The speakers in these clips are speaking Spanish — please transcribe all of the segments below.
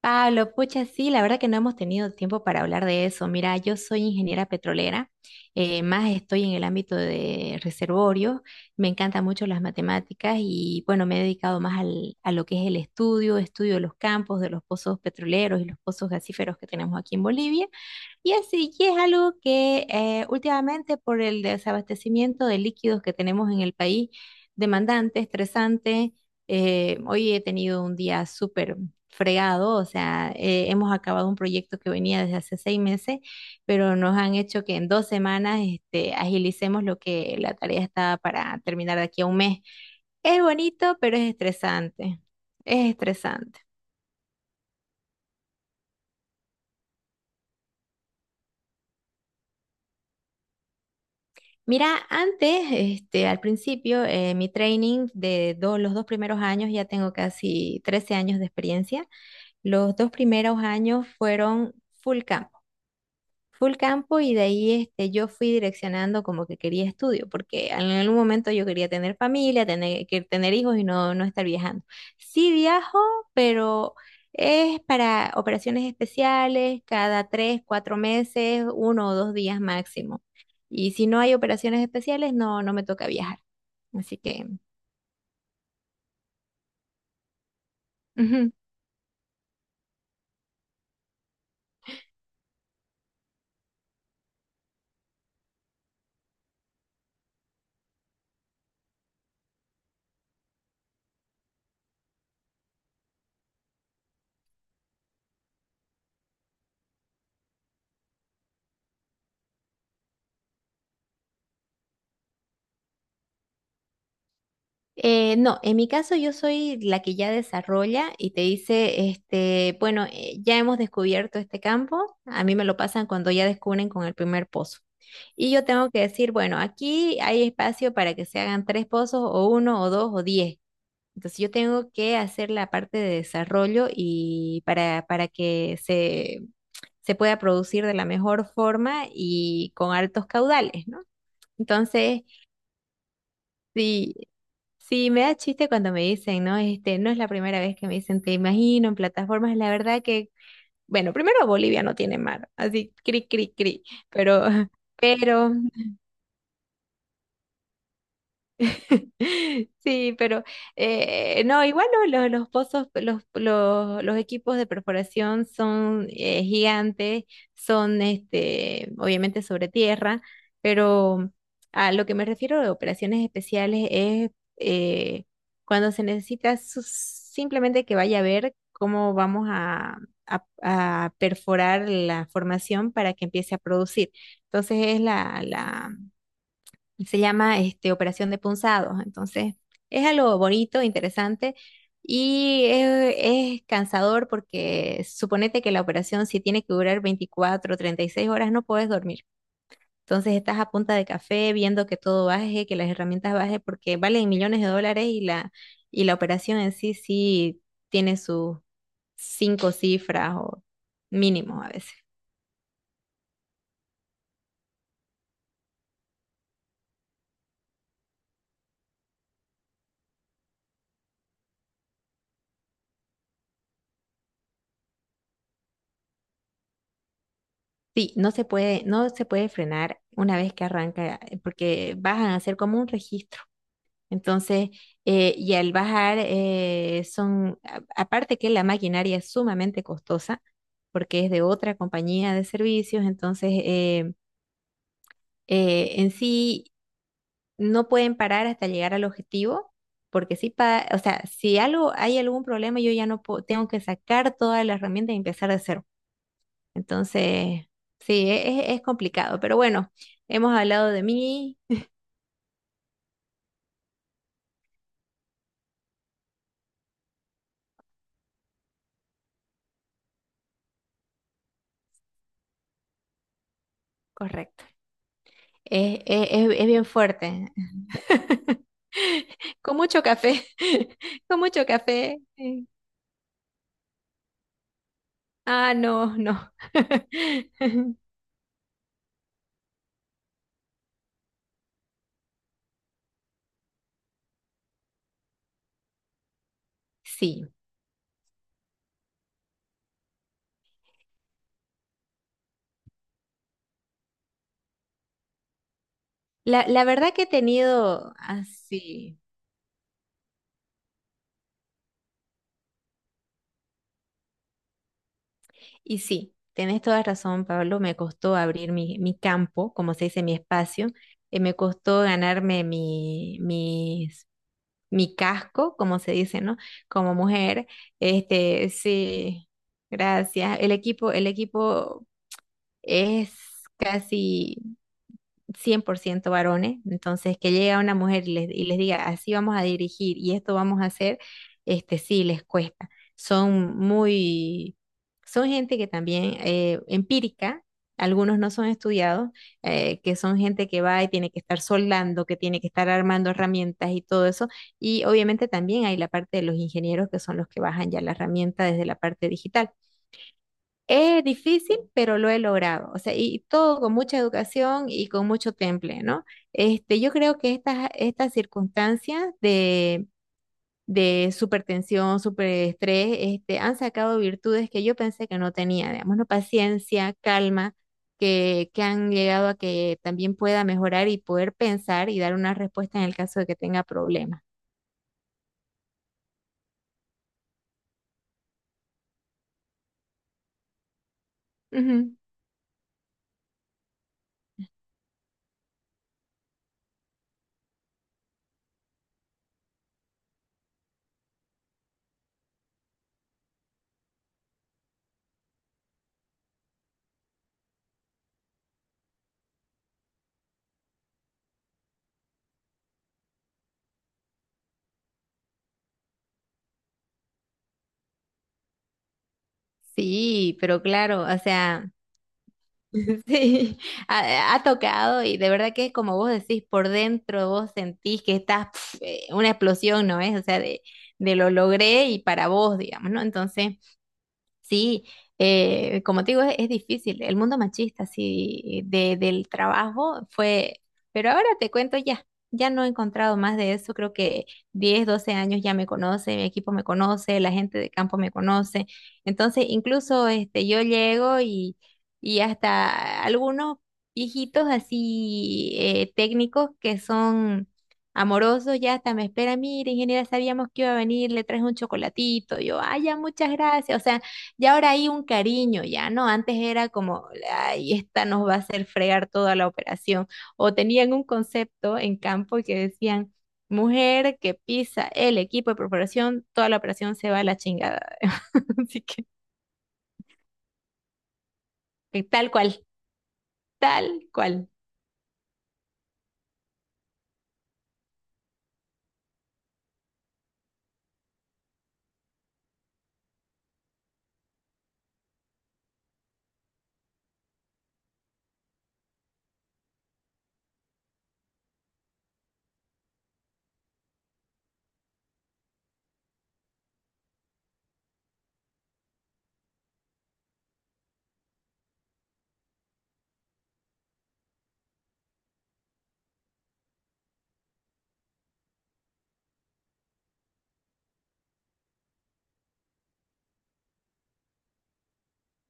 Pablo, pucha, sí, la verdad que no hemos tenido tiempo para hablar de eso. Mira, yo soy ingeniera petrolera, más estoy en el ámbito de reservorio. Me encantan mucho las matemáticas y bueno, me he dedicado más a lo que es el estudio, estudio de los campos, de los pozos petroleros y los pozos gasíferos que tenemos aquí en Bolivia. Y así, y es algo que últimamente, por el desabastecimiento de líquidos que tenemos en el país, demandante, estresante, hoy he tenido un día súper fregado. O sea, hemos acabado un proyecto que venía desde hace 6 meses, pero nos han hecho que en 2 semanas este, agilicemos lo que la tarea estaba para terminar de aquí a 1 mes. Es bonito, pero es estresante. Es estresante. Mira, antes, este, al principio, mi training los 2 primeros años, ya tengo casi 13 años de experiencia, los 2 primeros años fueron full camp full campo. Y de ahí este, yo fui direccionando como que quería estudio, porque en algún momento yo quería tener familia, tener, que tener hijos y no, no estar viajando. Sí viajo, pero es para operaciones especiales, cada 3, 4 meses, 1 o 2 días máximo. Y si no hay operaciones especiales, no, no me toca viajar. Así que... Ujú. No, en mi caso yo soy la que ya desarrolla y te dice, este, bueno, ya hemos descubierto este campo, a mí me lo pasan cuando ya descubren con el primer pozo. Y yo tengo que decir, bueno, aquí hay espacio para que se hagan 3 pozos o uno o dos o 10. Entonces yo tengo que hacer la parte de desarrollo y para que se pueda producir de la mejor forma y con altos caudales, ¿no? Entonces, sí. Sí, me da chiste cuando me dicen, ¿no? Este, no es la primera vez que me dicen, te imagino en plataformas. La verdad que, bueno, primero Bolivia no tiene mar, así cri, cri, cri, pero, pero sí, pero no, igual los pozos, los equipos de perforación son gigantes, son este, obviamente sobre tierra, pero a lo que me refiero de operaciones especiales es eh, cuando se necesita simplemente que vaya a ver cómo vamos a, a perforar la formación para que empiece a producir. Entonces es, se llama este, Operación de Punzados. Entonces, es algo bonito, interesante, y es cansador, porque suponete que la operación si tiene que durar 24, 36 horas, no puedes dormir. Entonces estás a punta de café viendo que todo baje, que las herramientas baje porque valen millones de dólares, y la operación en sí sí tiene sus cinco cifras o mínimo a veces. Sí, no se puede, no se puede frenar una vez que arranca, porque vas a hacer como un registro. Entonces, y al bajar son, aparte que la maquinaria es sumamente costosa, porque es de otra compañía de servicios. Entonces en sí no pueden parar hasta llegar al objetivo, porque si, o sea, si algo, hay algún problema, yo ya no puedo, tengo que sacar todas las herramientas y empezar de cero. Entonces, sí, es complicado, pero bueno, hemos hablado de mí. Correcto. Es bien fuerte. Con mucho café, con mucho café. Ah, no, no. Sí, la verdad que he tenido así. Y sí, tenés toda razón, Pablo. Me costó abrir mi, mi campo, como se dice, mi espacio. Me costó ganarme mi casco, como se dice, ¿no? Como mujer. Este, sí, gracias. El equipo es casi 100% varones, entonces que llegue una mujer y les diga, así vamos a dirigir y esto vamos a hacer, este sí les cuesta. Son muy, son gente que también empírica, algunos no son estudiados, que son gente que va y tiene que estar soldando, que tiene que estar armando herramientas y todo eso. Y obviamente también hay la parte de los ingenieros que son los que bajan ya la herramienta desde la parte digital. Es difícil, pero lo he logrado. O sea, y todo con mucha educación y con mucho temple, ¿no? Este, yo creo que estas, estas circunstancias de supertensión, superestrés, este, han sacado virtudes que yo pensé que no tenía, digamos, ¿no? Paciencia, calma, que han llegado a que también pueda mejorar y poder pensar y dar una respuesta en el caso de que tenga problemas. Ujú. Sí, pero claro, o sea. Sí, ha, ha tocado, y de verdad que como vos decís, por dentro vos sentís que estás, pf, una explosión, ¿no es? O sea, de lo logré y para vos, digamos, ¿no? Entonces... Sí, como te digo, es difícil. El mundo machista, sí, de, del trabajo fue, pero ahora te cuento ya, ya no he encontrado más de eso. Creo que 10, 12 años ya me conoce, mi equipo me conoce, la gente de campo me conoce. Entonces, incluso este, yo llego y hasta algunos viejitos así técnicos que son amoroso, ya hasta me espera, mire, ingeniera, sabíamos que iba a venir, le traes un chocolatito, yo, ay, ya, muchas gracias, o sea, y ahora hay un cariño, ya, ¿no? Antes era como, ay, esta nos va a hacer fregar toda la operación. O tenían un concepto en campo que decían, mujer que pisa el equipo de perforación, toda la operación se va a la chingada. Así que tal cual, tal cual.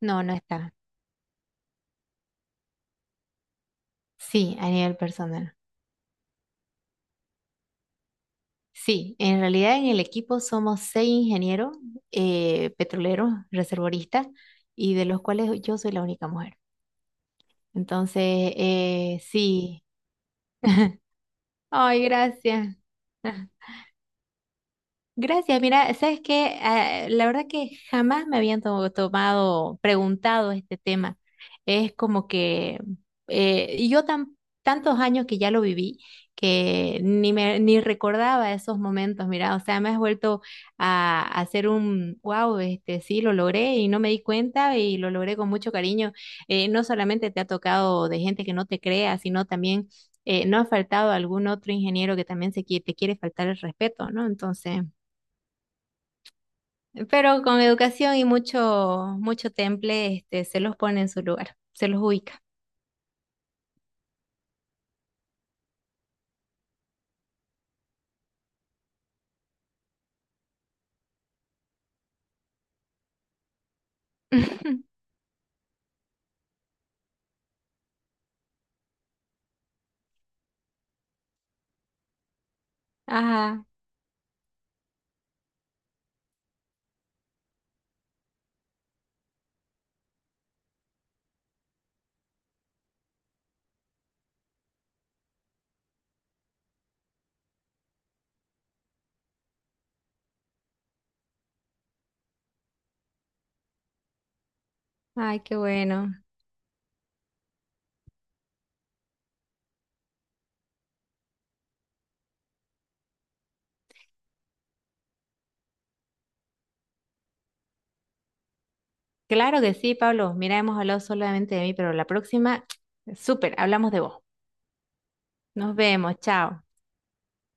No, no está. Sí, a nivel personal. Sí, en realidad en el equipo somos 6 ingenieros petroleros, reservoristas, y de los cuales yo soy la única mujer. Entonces, sí. Ay, gracias. Gracias, mira, sabes que la verdad que jamás me habían tomado, preguntado este tema. Es como que y yo tan, tantos años que ya lo viví, que ni me ni recordaba esos momentos, mira, o sea, me has vuelto a hacer un wow, este sí lo logré y no me di cuenta y lo logré con mucho cariño. No solamente te ha tocado de gente que no te crea, sino también no ha faltado algún otro ingeniero que también se, te quiere faltar el respeto, ¿no? Entonces. Pero con educación y mucho, mucho temple, este, se los pone en su lugar, se los ubica. Ajá, ay, qué bueno. Claro que sí, Pablo. Mira, hemos hablado solamente de mí, pero la próxima, súper, hablamos de vos. Nos vemos, chao.